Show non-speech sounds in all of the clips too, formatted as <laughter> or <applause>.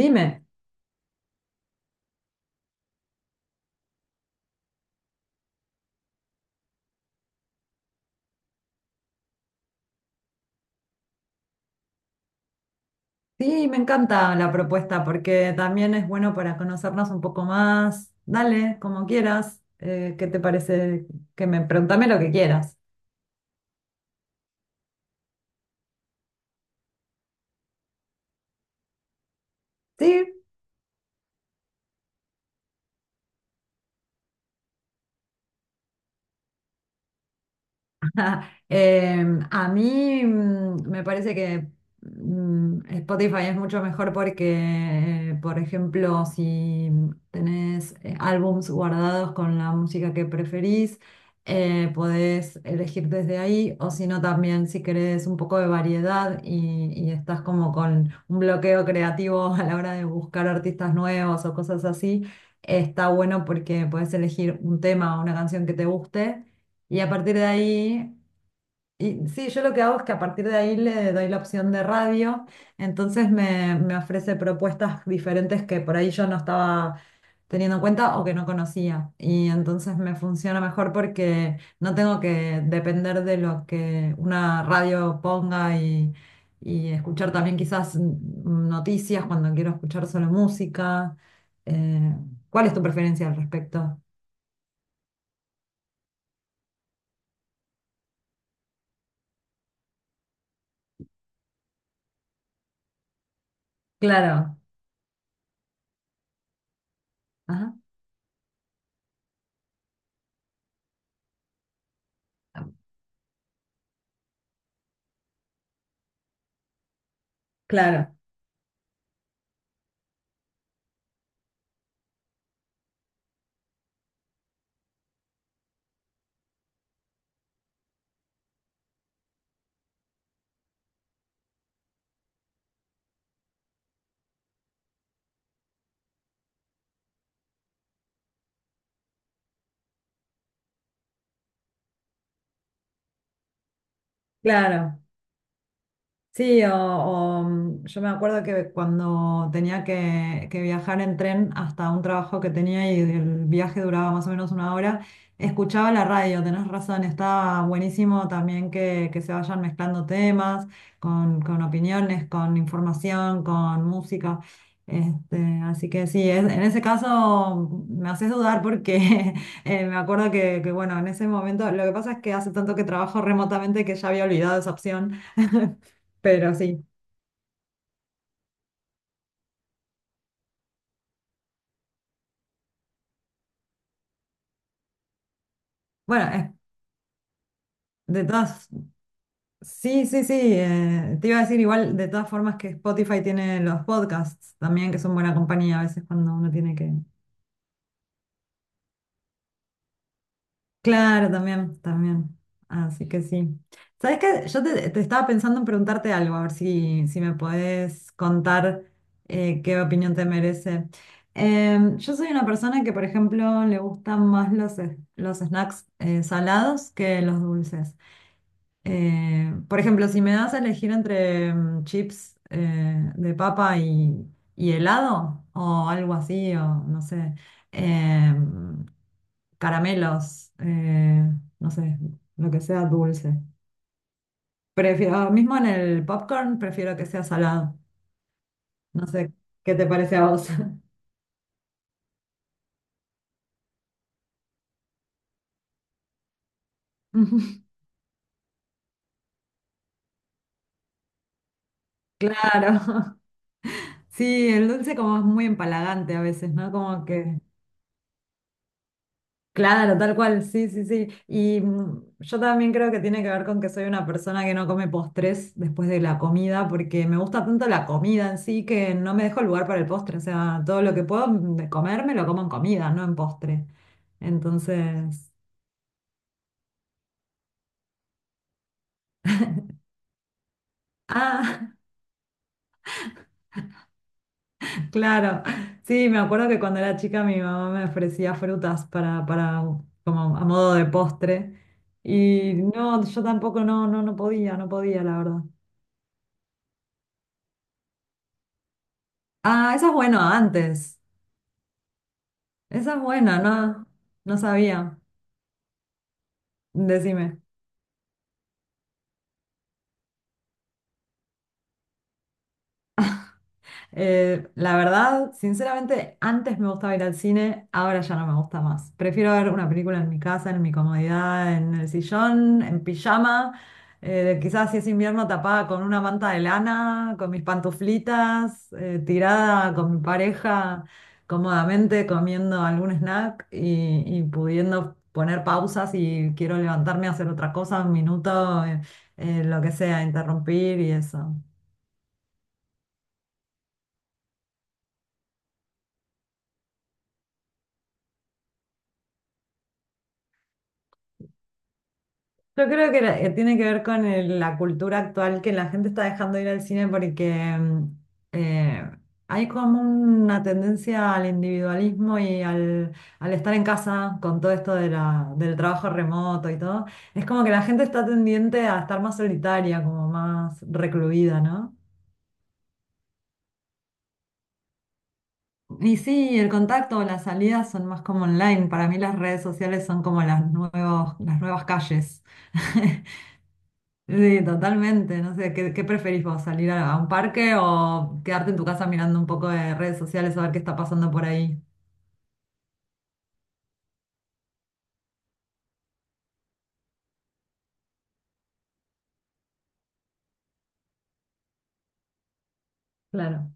Dime, sí, me encanta la propuesta porque también es bueno para conocernos un poco más. Dale, como quieras. ¿Qué te parece? Que me preguntame lo que quieras. Sí, <laughs> a mí me parece que Spotify es mucho mejor porque, por ejemplo, si tenés álbums guardados con la música que preferís, podés elegir desde ahí, o si no, también si querés un poco de variedad y estás como con un bloqueo creativo <laughs> a la hora de buscar artistas nuevos o cosas así, está bueno porque podés elegir un tema o una canción que te guste. Y a partir de ahí y sí, yo lo que hago es que a partir de ahí le doy la opción de radio, entonces me ofrece propuestas diferentes que por ahí yo no estaba teniendo en cuenta o que no conocía. Y entonces me funciona mejor porque no tengo que depender de lo que una radio ponga y escuchar también quizás noticias cuando quiero escuchar solo música. Eh, ¿Cuál es tu preferencia al respecto? Claro, ajá, claro, claro. Sí, yo me acuerdo que cuando tenía que viajar en tren hasta un trabajo que tenía y el viaje duraba más o menos una hora, escuchaba la radio, tenés razón, está buenísimo también que se vayan mezclando temas con opiniones, con información, con música. Este, así que sí, en ese caso me haces dudar porque <laughs> me acuerdo bueno, en ese momento, lo que pasa es que hace tanto que trabajo remotamente que ya había olvidado esa opción. <laughs> Pero sí, bueno, de todas, sí, sí, sí, te iba a decir igual, de todas formas que Spotify tiene los podcasts también, que son buena compañía a veces cuando uno tiene que... Claro, también, también. Así que sí. ¿Sabes qué? Te estaba pensando en preguntarte algo, a ver si me podés contar qué opinión te merece. Yo soy una persona que, por ejemplo, le gustan más los snacks salados que los dulces. Por ejemplo, si me das a elegir entre chips de papa y helado o algo así, o no sé, eh, caramelos, no sé, lo que sea dulce. Prefiero, mismo en el popcorn, prefiero que sea salado. No sé, ¿qué te parece a vos? <laughs> Claro. <laughs> Sí, el dulce como es muy empalagante a veces, ¿no? Como que claro, tal cual, sí, sí, sí. Y yo también creo que tiene que ver con que soy una persona que no come postres después de la comida, porque me gusta tanto la comida en sí que no me dejo lugar para el postre. O sea, todo lo que puedo de comer me lo como en comida, no en postre. Entonces, ah, <laughs> claro. Sí, me acuerdo que cuando era chica mi mamá me ofrecía frutas como a modo de postre. Y no, yo tampoco no podía, no podía, la verdad. Ah, eso es bueno antes. Esa es buena, ¿no? No sabía. Decime. La verdad, sinceramente, antes me gustaba ir al cine, ahora ya no me gusta más. Prefiero ver una película en mi casa, en mi comodidad, en el sillón, en pijama, quizás si es invierno tapada con una manta de lana, con mis pantuflitas, tirada con mi pareja, cómodamente comiendo algún snack y pudiendo poner pausas y quiero levantarme a hacer otra cosa, un minuto, lo que sea, interrumpir y eso. Yo creo que tiene que ver con la cultura actual que la gente está dejando de ir al cine porque eh, hay como una tendencia al individualismo y al estar en casa con todo esto de del trabajo remoto y todo. Es como que la gente está tendiente a estar más solitaria, como más recluida, ¿no? Y sí, el contacto o las salidas son más como online. Para mí las redes sociales son como las nuevas calles. <laughs> Sí, totalmente. No sé, qué preferís vos? ¿Salir a un parque o quedarte en tu casa mirando un poco de redes sociales a ver qué está pasando por ahí? Claro.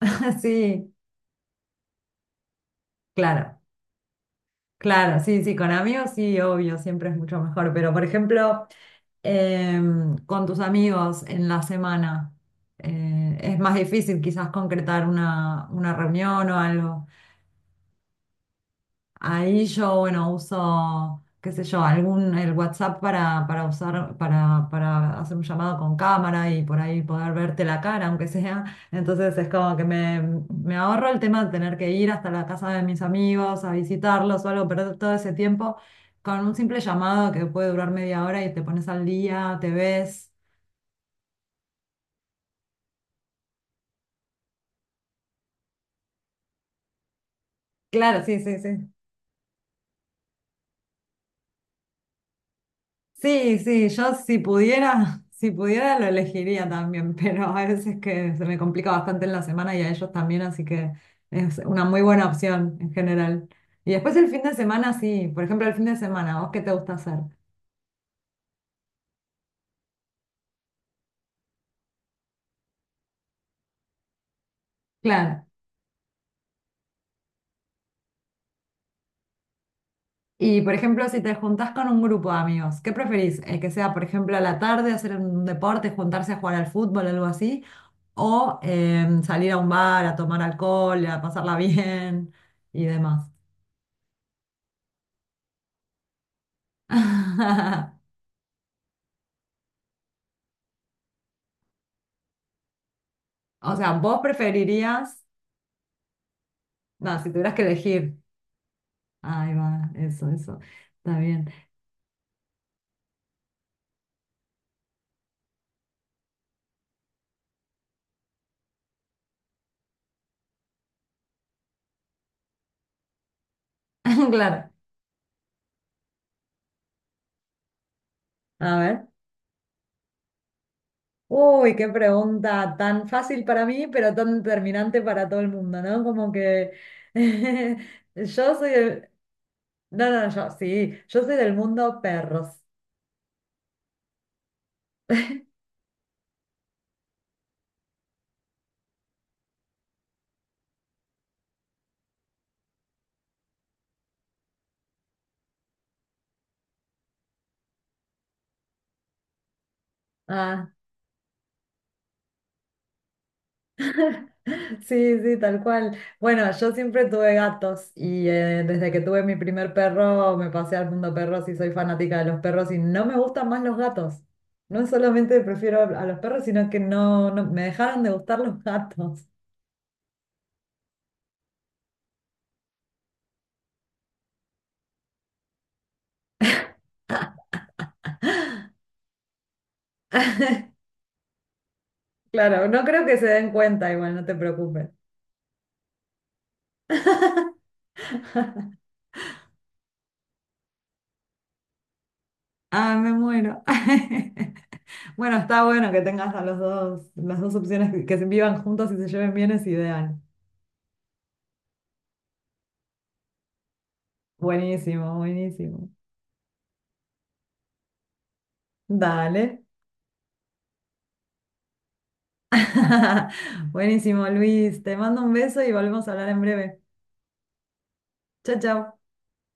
<laughs> Sí, claro, claro. Sí, sí, con amigos sí, obvio, siempre es mucho mejor. Pero, por ejemplo, con tus amigos en la semana, es más difícil quizás concretar una reunión o algo. Ahí yo, bueno, uso, qué sé yo, algún, el WhatsApp para usar, para hacer un llamado con cámara y por ahí poder verte la cara, aunque sea. Entonces es como que me ahorro el tema de tener que ir hasta la casa de mis amigos a visitarlos o algo, perder todo ese tiempo con un simple llamado que puede durar media hora y te pones al día, te ves. Claro, sí, sí, sí. Sí, sí, yo si pudiera, <laughs> si pudiera lo elegiría también, pero a veces que se me complica bastante en la semana y a ellos también, así que es una muy buena opción en general. Y después el fin de semana, sí, por ejemplo el fin de semana, ¿vos qué te gusta hacer? Claro. Y por ejemplo, si te juntás con un grupo de amigos, ¿qué preferís? Que sea, por ejemplo, a la tarde hacer un deporte, juntarse a jugar al fútbol, algo así, o salir a un bar a tomar alcohol, a pasarla <laughs> bien y demás. <laughs> O sea, vos preferirías, no, si tuvieras que elegir. Ahí va, eso, eso. Está bien. <laughs> Claro. A ver. Uy, qué pregunta tan fácil para mí, pero tan determinante para todo el mundo, ¿no? Como que <laughs> yo soy del... No, no, yo sí, yo soy del mundo perros. Ah, sí, sí, tal cual. Bueno, yo siempre tuve gatos y desde que tuve mi primer perro me pasé al mundo perros y soy fanática de los perros y no me gustan más los gatos. No solamente prefiero a los perros, sino que no me dejaron de gustar los gatos. <laughs> Claro, no creo que se den cuenta, igual, no te preocupes. <laughs> Ah, me muero. <laughs> Bueno, está bueno que tengas a los dos, las dos opciones que vivan juntos y se lleven bien es ideal. Buenísimo, buenísimo. Dale. <laughs> Buenísimo, Luis. Te mando un beso y volvemos a hablar en breve. Chao, chao.